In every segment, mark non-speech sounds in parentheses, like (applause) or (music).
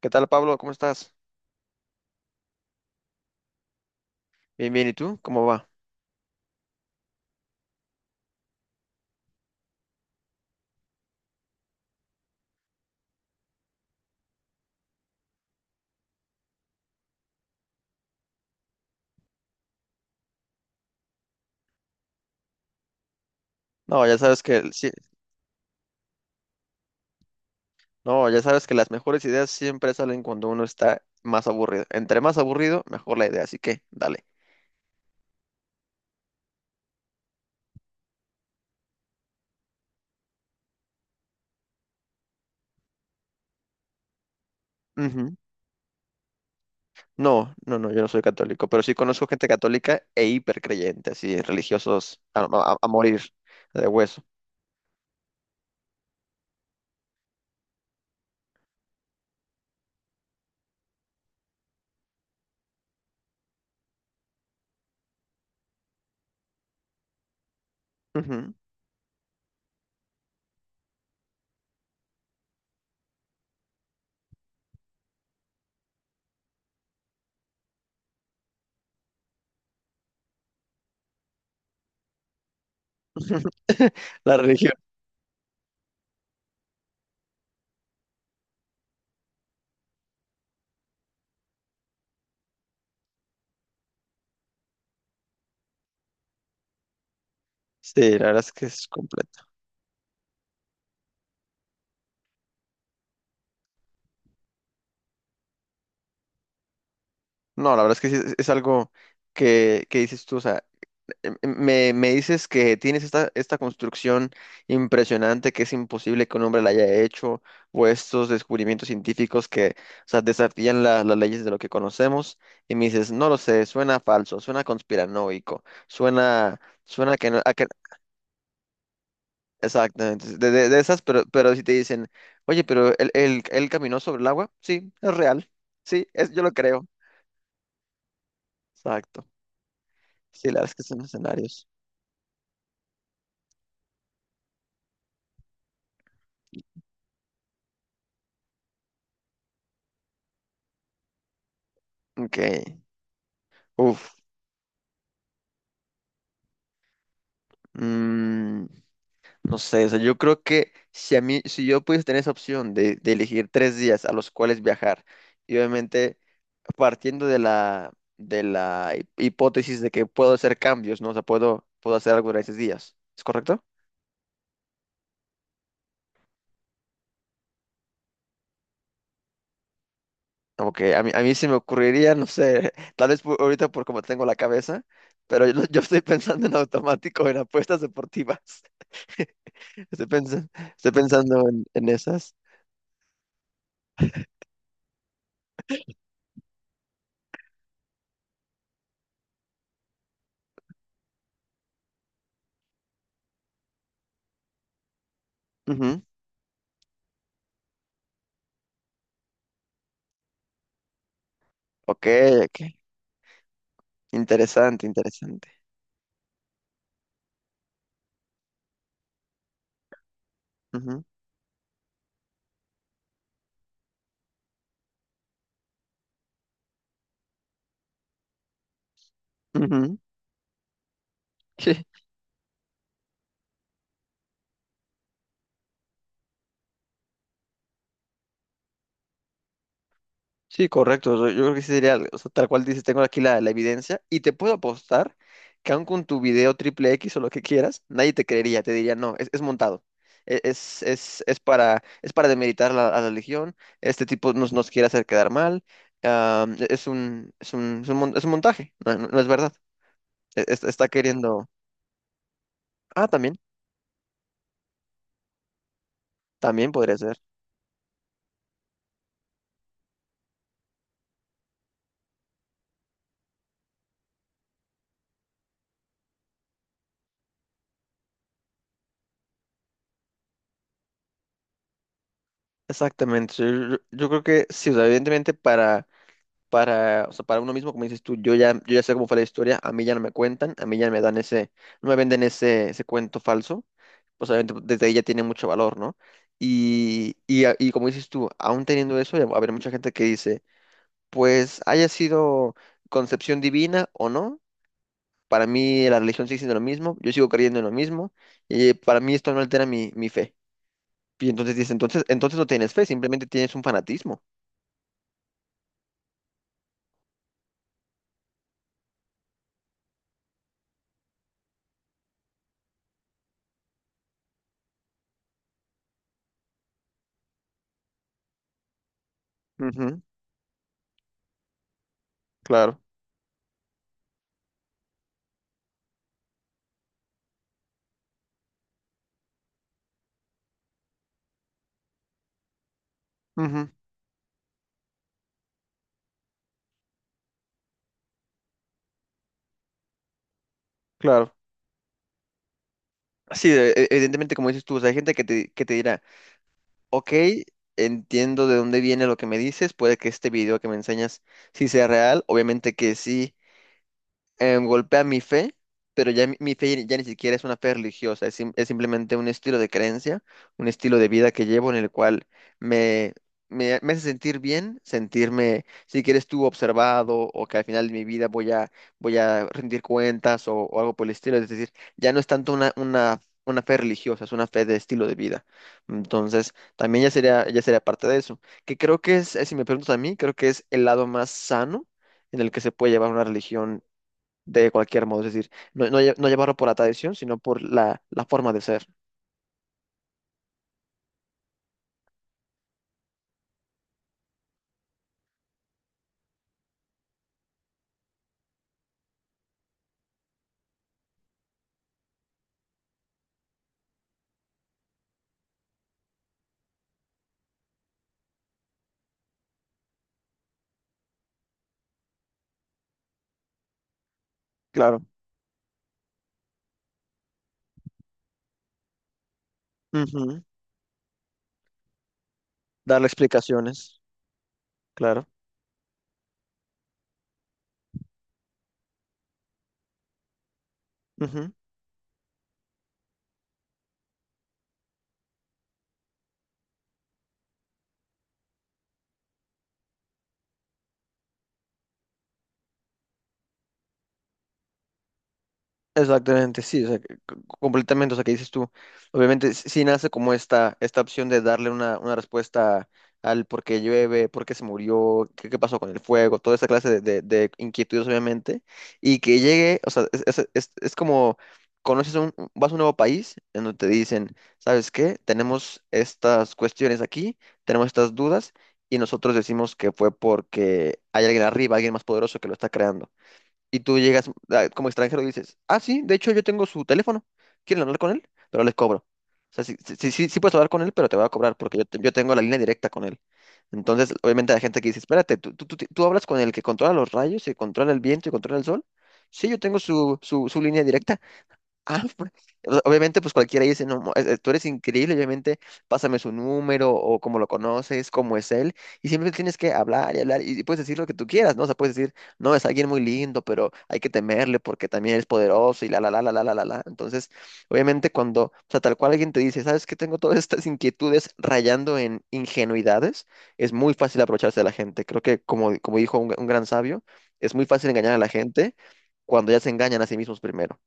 ¿Qué tal, Pablo? ¿Cómo estás? Bien, bien, ¿y tú? ¿Cómo va? No, ya sabes que sí, no, ya sabes que las mejores ideas siempre salen cuando uno está más aburrido. Entre más aburrido, mejor la idea, así que dale. Ujú. No, no, no, yo no soy católico, pero sí conozco gente católica e hipercreyente, así, religiosos a morir de hueso. Ujú. (laughs) La religión. Sí, la verdad es que es completa. No, la verdad es que sí, es algo que dices tú, o sea, me dices que tienes esta construcción impresionante que es imposible que un hombre la haya hecho, o estos descubrimientos científicos que, o sea, desafían las leyes de lo que conocemos, y me dices, no lo sé, suena falso, suena conspiranoico, suena que no, exactamente, de esas, pero si te dicen, oye, pero él caminó sobre el agua, sí, es real, sí, es, yo lo creo, exacto, sí, la verdad es que son escenarios, ok, uff. No sé, o sea, yo creo que si a mí, si yo pudiese tener esa opción de elegir 3 días a los cuales viajar, y obviamente partiendo de la, de la hipótesis de que puedo hacer cambios, ¿no? O sea, puedo hacer algo en esos días, ¿es correcto? Como que a mí se me ocurriría, no sé, (laughs) tal vez ahorita por como tengo la cabeza, pero yo estoy pensando en automático, en apuestas deportivas. (laughs) Estoy pensando, estoy pensando, en esas. Ujú. Ok, ok. Interesante, interesante. Ujú, ujú. Sí, sí, correcto. Yo creo que sí sería, o sea, tal cual dices, tengo aquí la evidencia y te puedo apostar que aun con tu video triple X o lo que quieras, nadie te creería, te diría, no, es montado. Es para demeritar a la religión, este tipo nos quiere hacer quedar mal, ah, es un, es un, es un, mon- es un montaje, no, no es verdad. Está queriendo. Ah, también, también podría ser. Exactamente. Yo creo que sí, o sea, evidentemente para, o sea, para uno mismo, como dices tú, yo ya sé cómo fue la historia, a mí ya no me cuentan, a mí ya me dan ese, no me venden ese, cuento falso, pues obviamente pues, desde ahí ya tiene mucho valor, ¿no? Y como dices tú, aún teniendo eso, ya va a haber mucha gente que dice, pues haya sido concepción divina o no, para mí la religión sigue siendo lo mismo, yo sigo creyendo en lo mismo, y para mí esto no altera mi fe. Y entonces dice, entonces, entonces no tienes fe, simplemente tienes un fanatismo. Ujú, claro, ujú, claro. Sí, evidentemente, como dices tú, o sea, hay gente que te dirá, ok, entiendo de dónde viene lo que me dices, puede que este video que me enseñas sí sea real, obviamente que sí golpea mi fe, pero ya mi fe ya ni siquiera es una fe religiosa, es simplemente un estilo de creencia, un estilo de vida que llevo en el cual me, me hace sentir bien, sentirme, si quieres tú, observado o que al final de mi vida voy a rendir cuentas o algo por el estilo, es decir, ya no es tanto una fe religiosa, es una fe de estilo de vida. Entonces, también ya sería parte de eso, que creo que es, si me preguntas a mí, creo que es el lado más sano en el que se puede llevar una religión de cualquier modo, es decir, no, no, no llevarlo por la tradición, sino por la forma de ser. Claro. Ujú. Darle explicaciones, claro. Ujú. Exactamente, sí, o sea, completamente, o sea, que dices tú, obviamente sí nace como esta opción de darle una respuesta al por qué llueve, por qué se murió, qué pasó con el fuego, toda esa clase de inquietudes, obviamente, y que llegue, o sea, es como, conoces un, vas a un nuevo país en donde te dicen, ¿sabes qué? Tenemos estas cuestiones aquí, tenemos estas dudas, y nosotros decimos que fue porque hay alguien arriba, alguien más poderoso que lo está creando. Y tú llegas ah, como extranjero y dices, ah, sí, de hecho yo tengo su teléfono, ¿quieren hablar con él? Pero les cobro. O sea, sí, sí, sí, sí puedes hablar con él, pero te va a cobrar porque yo tengo la línea directa con él. Entonces, obviamente la gente que dice, espérate, ¿tú hablas con el que controla los rayos y controla el viento y controla el sol? Sí, yo tengo su línea directa. Ah, (laughs) pues, obviamente, pues cualquiera dice, no, tú eres increíble, obviamente, pásame su número o cómo lo conoces, cómo es él, y siempre tienes que hablar y hablar y puedes decir lo que tú quieras, ¿no? O sea, puedes decir, no, es alguien muy lindo, pero hay que temerle porque también es poderoso y la, la, la, la, la, la, la, la. Entonces, obviamente, cuando, o sea, tal cual alguien te dice, sabes que tengo todas (laughs) estas inquietudes rayando en ingenuidades, es muy fácil aprovecharse de la gente. Creo que, como, como dijo un gran sabio, es muy fácil engañar a la gente cuando ya se engañan a sí mismos primero.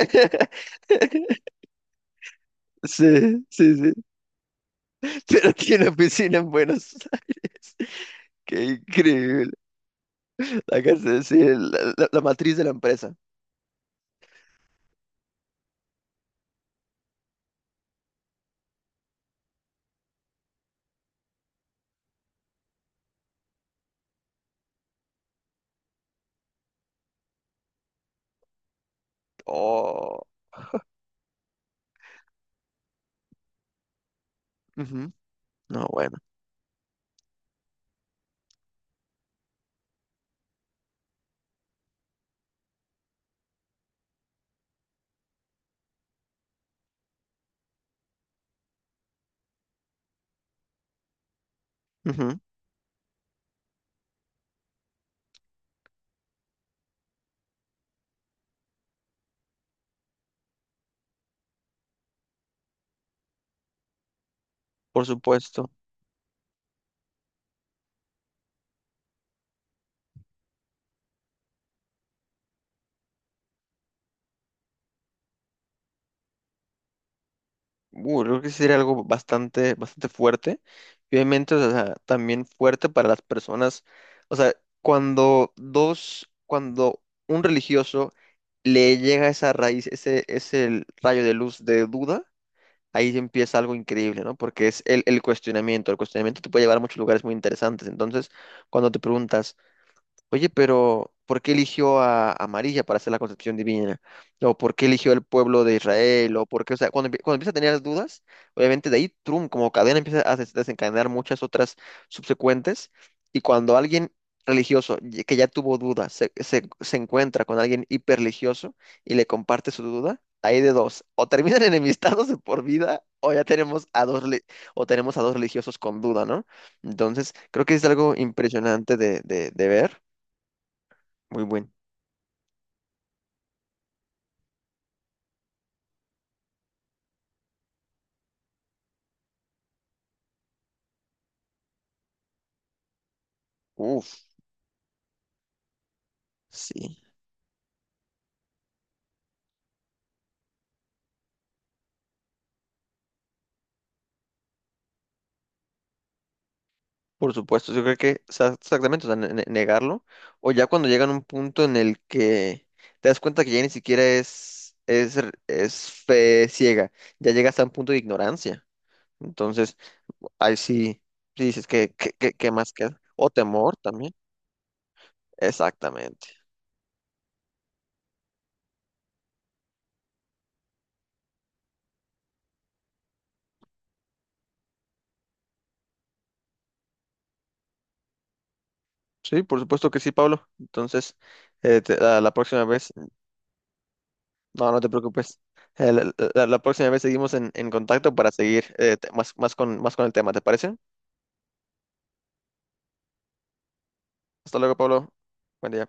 (laughs) Sí, sí, sí. Pero tiene oficina en Buenos Aires. (laughs) Qué increíble. La casa, sí, la matriz de la empresa. Oh, ujú. No, bueno. Ujú. Por supuesto. Creo que sería algo bastante, bastante fuerte. Y obviamente, o sea, también fuerte para las personas. O sea, cuando un religioso le llega esa raíz, ese rayo de luz de duda ahí sí empieza algo increíble, ¿no? Porque es el cuestionamiento. El cuestionamiento te puede llevar a muchos lugares muy interesantes. Entonces, cuando te preguntas, oye, pero ¿por qué eligió a María para hacer la concepción divina? ¿O por qué eligió el pueblo de Israel? ¿O por qué? O sea, cuando, cuando empieza a tener las dudas, obviamente de ahí, trum, como cadena empieza a desencadenar muchas otras subsecuentes. Y cuando alguien religioso que ya tuvo dudas se encuentra con alguien hiperreligioso y le comparte su duda, hay de dos, o terminan (laughs) enemistados de por vida, o tenemos a dos religiosos con duda, ¿no? Entonces, creo que es algo impresionante de ver. Muy buen. Uf, sí. Por supuesto, yo creo que o sea, exactamente, o sea, negarlo. O ya cuando llegan a un punto en el que te das cuenta que ya ni siquiera es fe ciega, ya llegas a un punto de ignorancia. Entonces, ahí sí, sí dices que, que más queda. O temor también. Exactamente. Sí, por supuesto que sí, Pablo. Entonces, a la próxima vez, no, no te preocupes. Eh, La, la próxima vez seguimos en, contacto para seguir más con el tema, ¿te parece? Hasta luego, Pablo. Buen día.